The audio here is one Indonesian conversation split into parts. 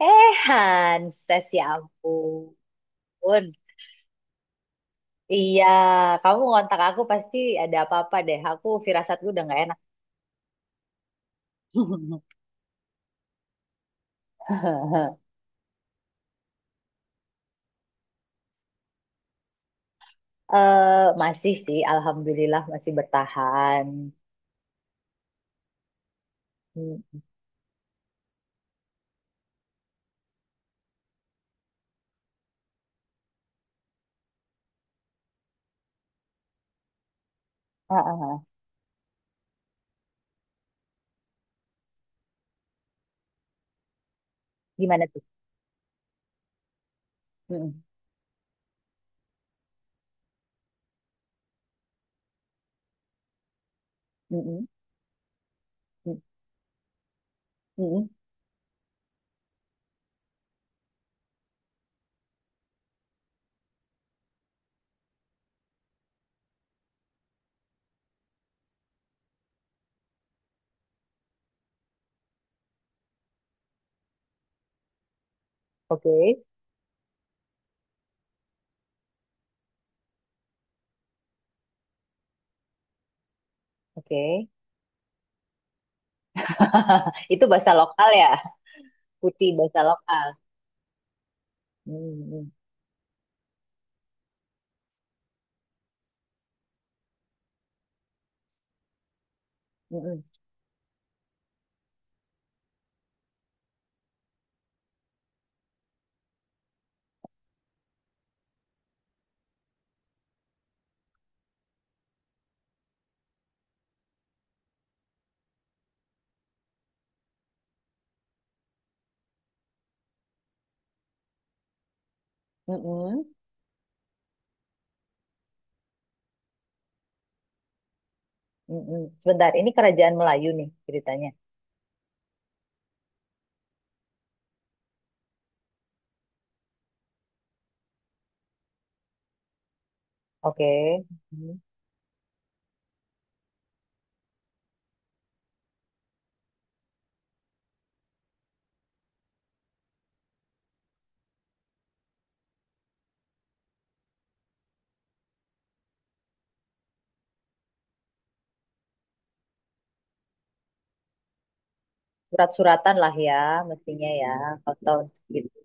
Hanses, ya ampun. Iya, kamu ngontak aku pasti ada apa-apa deh. Aku firasatku udah nggak enak. Masih sih, alhamdulillah masih bertahan. Hmm, ah, ah, ah. Gimana tuh? Mm-mm, mm-mm, mm, mm-mm. Oke, oke. Itu bahasa lokal ya, putih bahasa lokal. Mm-mm, mm-mm, mm-mm, mm-mm. Sebentar, ini kerajaan Melayu nih ceritanya. Oke. Hmm. Surat-suratan lah ya, mestinya ya, kalau tahun segitu.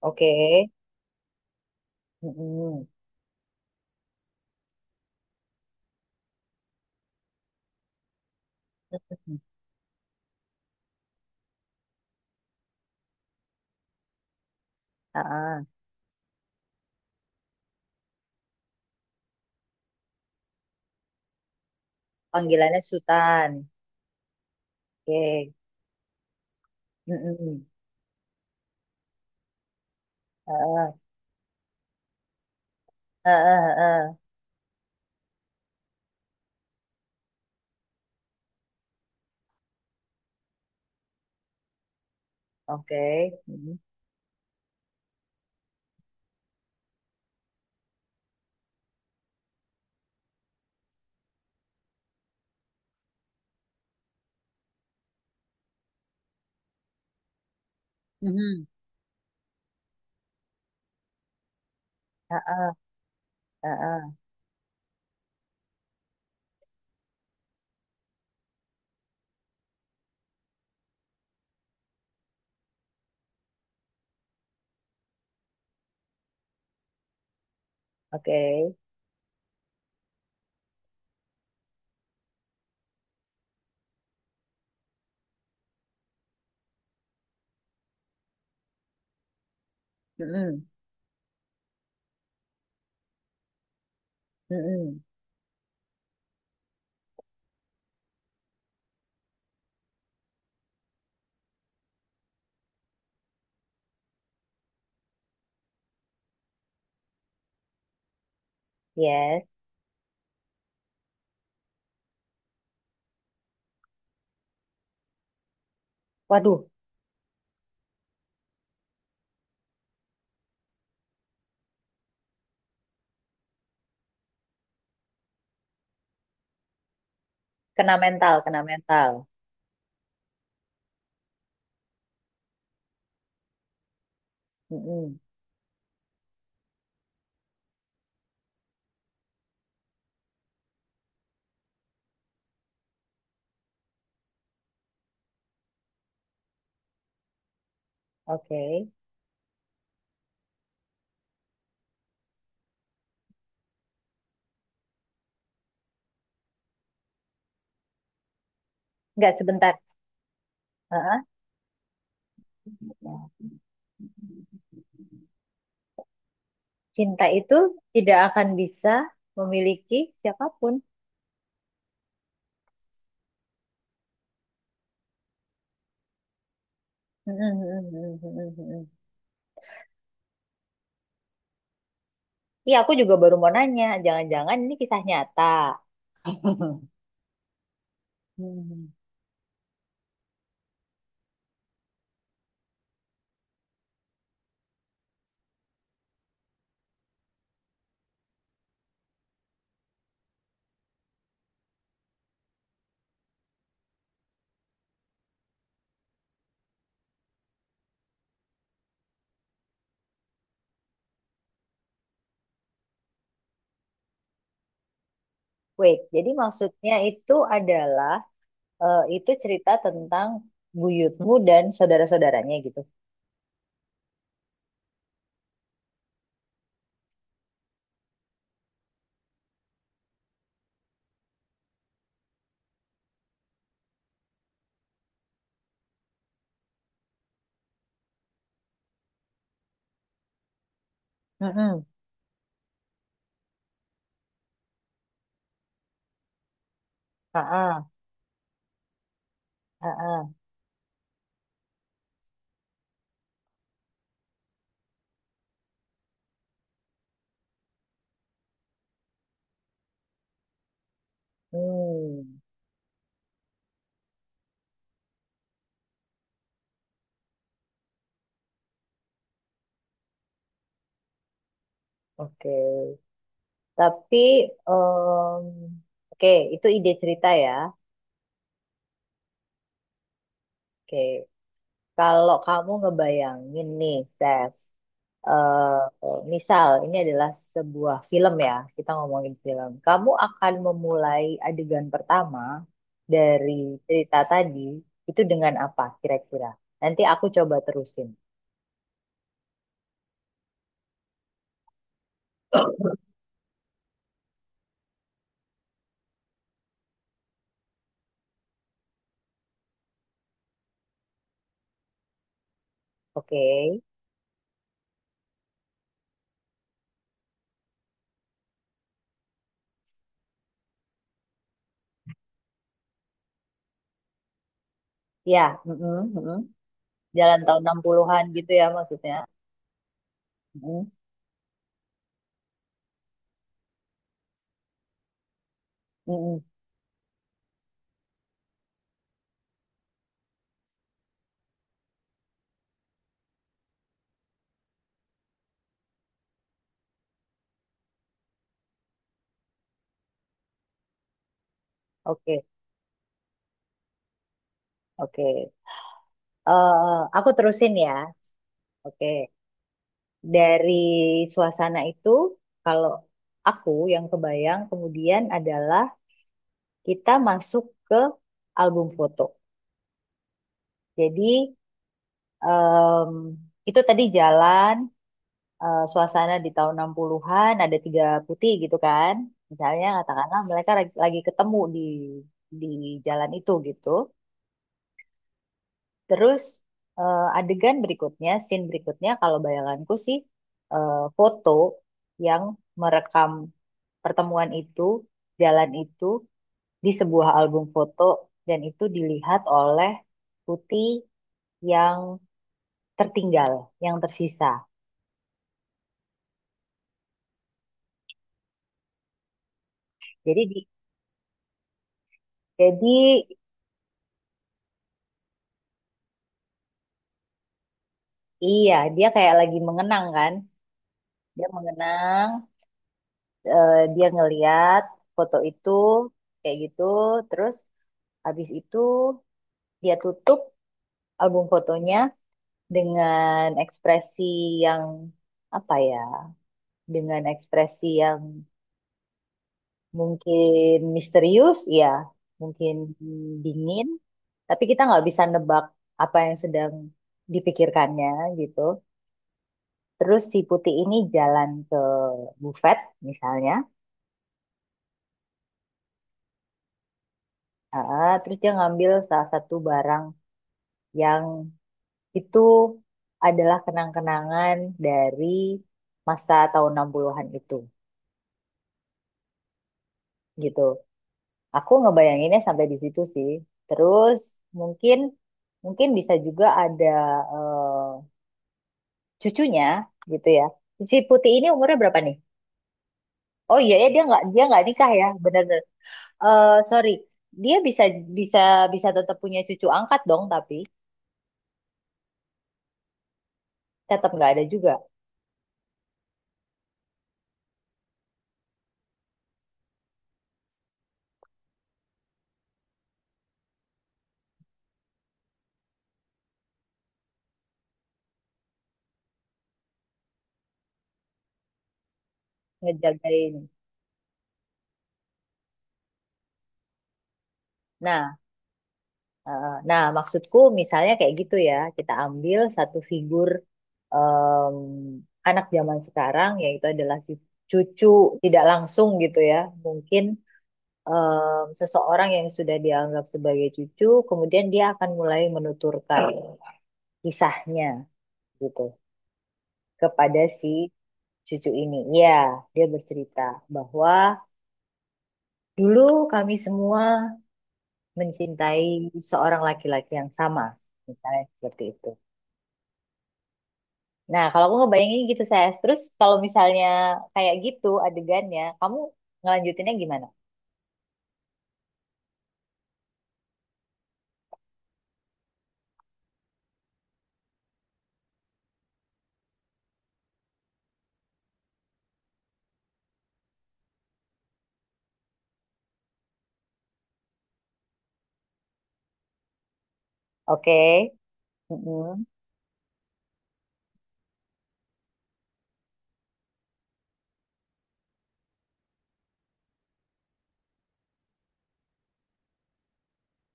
Oke. Mm-mm. Ah, Panggilannya Sultan. Oke. Mm-mm. Ah, ah, ah, ah. Oke. Mm-mm. Mm-mm. Ah, ah, ah, ah. Oke. Mm-mm. Mm-mm. Yes. Waduh, kena mental, kena mental. Mm-mm. Oke. Nggak sebentar. Ah, ah. Cinta itu tidak akan bisa memiliki siapapun. Mm-mm. Iya, aku juga baru mau nanya. Jangan-jangan ini kisah nyata. Hmm. Wait, jadi maksudnya itu adalah itu cerita tentang buyutmu dan saudara-saudaranya gitu. Mm-mm. Heeh, heeh. Hmm, oke. Tapi, em, oke, itu ide cerita ya. Oke. Kalau kamu ngebayangin nih, Ses, eh misal ini adalah sebuah film ya, kita ngomongin film. Kamu akan memulai adegan pertama dari cerita tadi itu dengan apa kira-kira? Nanti aku coba terusin. Oke. Ya, mm-mm, mm-mm. Jalan tahun 60-an gitu ya maksudnya. Mm-mm, mm-mm. Oke, oke. Aku terusin ya. Oke. Dari suasana itu kalau aku yang kebayang kemudian adalah kita masuk ke album foto. Jadi em, itu tadi jalan suasana di tahun 60-an ada tiga putih gitu kan. Misalnya katakanlah mereka lagi ketemu di di jalan itu gitu. Terus adegan berikutnya, scene berikutnya kalau bayanganku sih eh, foto yang merekam pertemuan itu, jalan itu di sebuah album foto dan itu dilihat oleh Putih yang tertinggal, yang tersisa. Jadi di- jadi iya, dia kayak lagi mengenang kan. Dia mengenang, dia ngeliat foto itu kayak gitu, terus habis itu dia tutup album fotonya dengan ekspresi yang apa ya? Dengan ekspresi yang mungkin misterius, ya. Mungkin dingin, tapi kita nggak bisa nebak apa yang sedang dipikirkannya gitu. Terus si putih ini jalan ke bufet misalnya. Ah, terus dia ngambil salah satu barang yang itu adalah kenang-kenangan dari masa tahun 60-an itu gitu. Aku ngebayanginnya sampai di situ sih. Terus mungkin mungkin bisa juga ada eh, cucunya gitu ya. Si Putih ini umurnya berapa nih? Oh iya ya dia nggak nikah ya, bener-bener. Eh sorry, dia bisa bisa bisa tetap punya cucu angkat dong, tapi tetap nggak ada juga ngejagain. Nah, nah maksudku misalnya kayak gitu ya, kita ambil satu figur em, anak zaman sekarang yaitu adalah si cucu tidak langsung gitu ya, mungkin em, seseorang yang sudah dianggap sebagai cucu, kemudian dia akan mulai menuturkan kisahnya gitu kepada si cucu ini. Ya, dia bercerita bahwa dulu kami semua mencintai seorang laki-laki yang sama, misalnya seperti itu. Nah, kalau aku ngebayangin gitu saya, terus kalau misalnya kayak gitu adegannya, kamu ngelanjutinnya gimana? Oke, mm-mm.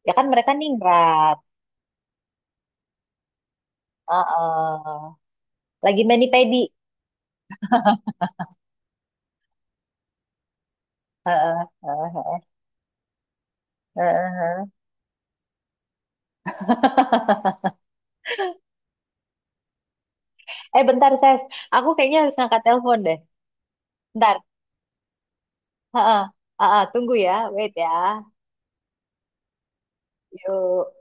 Ya kan mereka ningrat. Heeh. Lagi mani pedi. Heeh, heeh, heeh, heeh. Eh bentar, Ses. Aku kayaknya harus ngangkat telepon deh. Bentar. Ha-ha. Ha-ha. Tunggu ya. Wait ya. Yuk.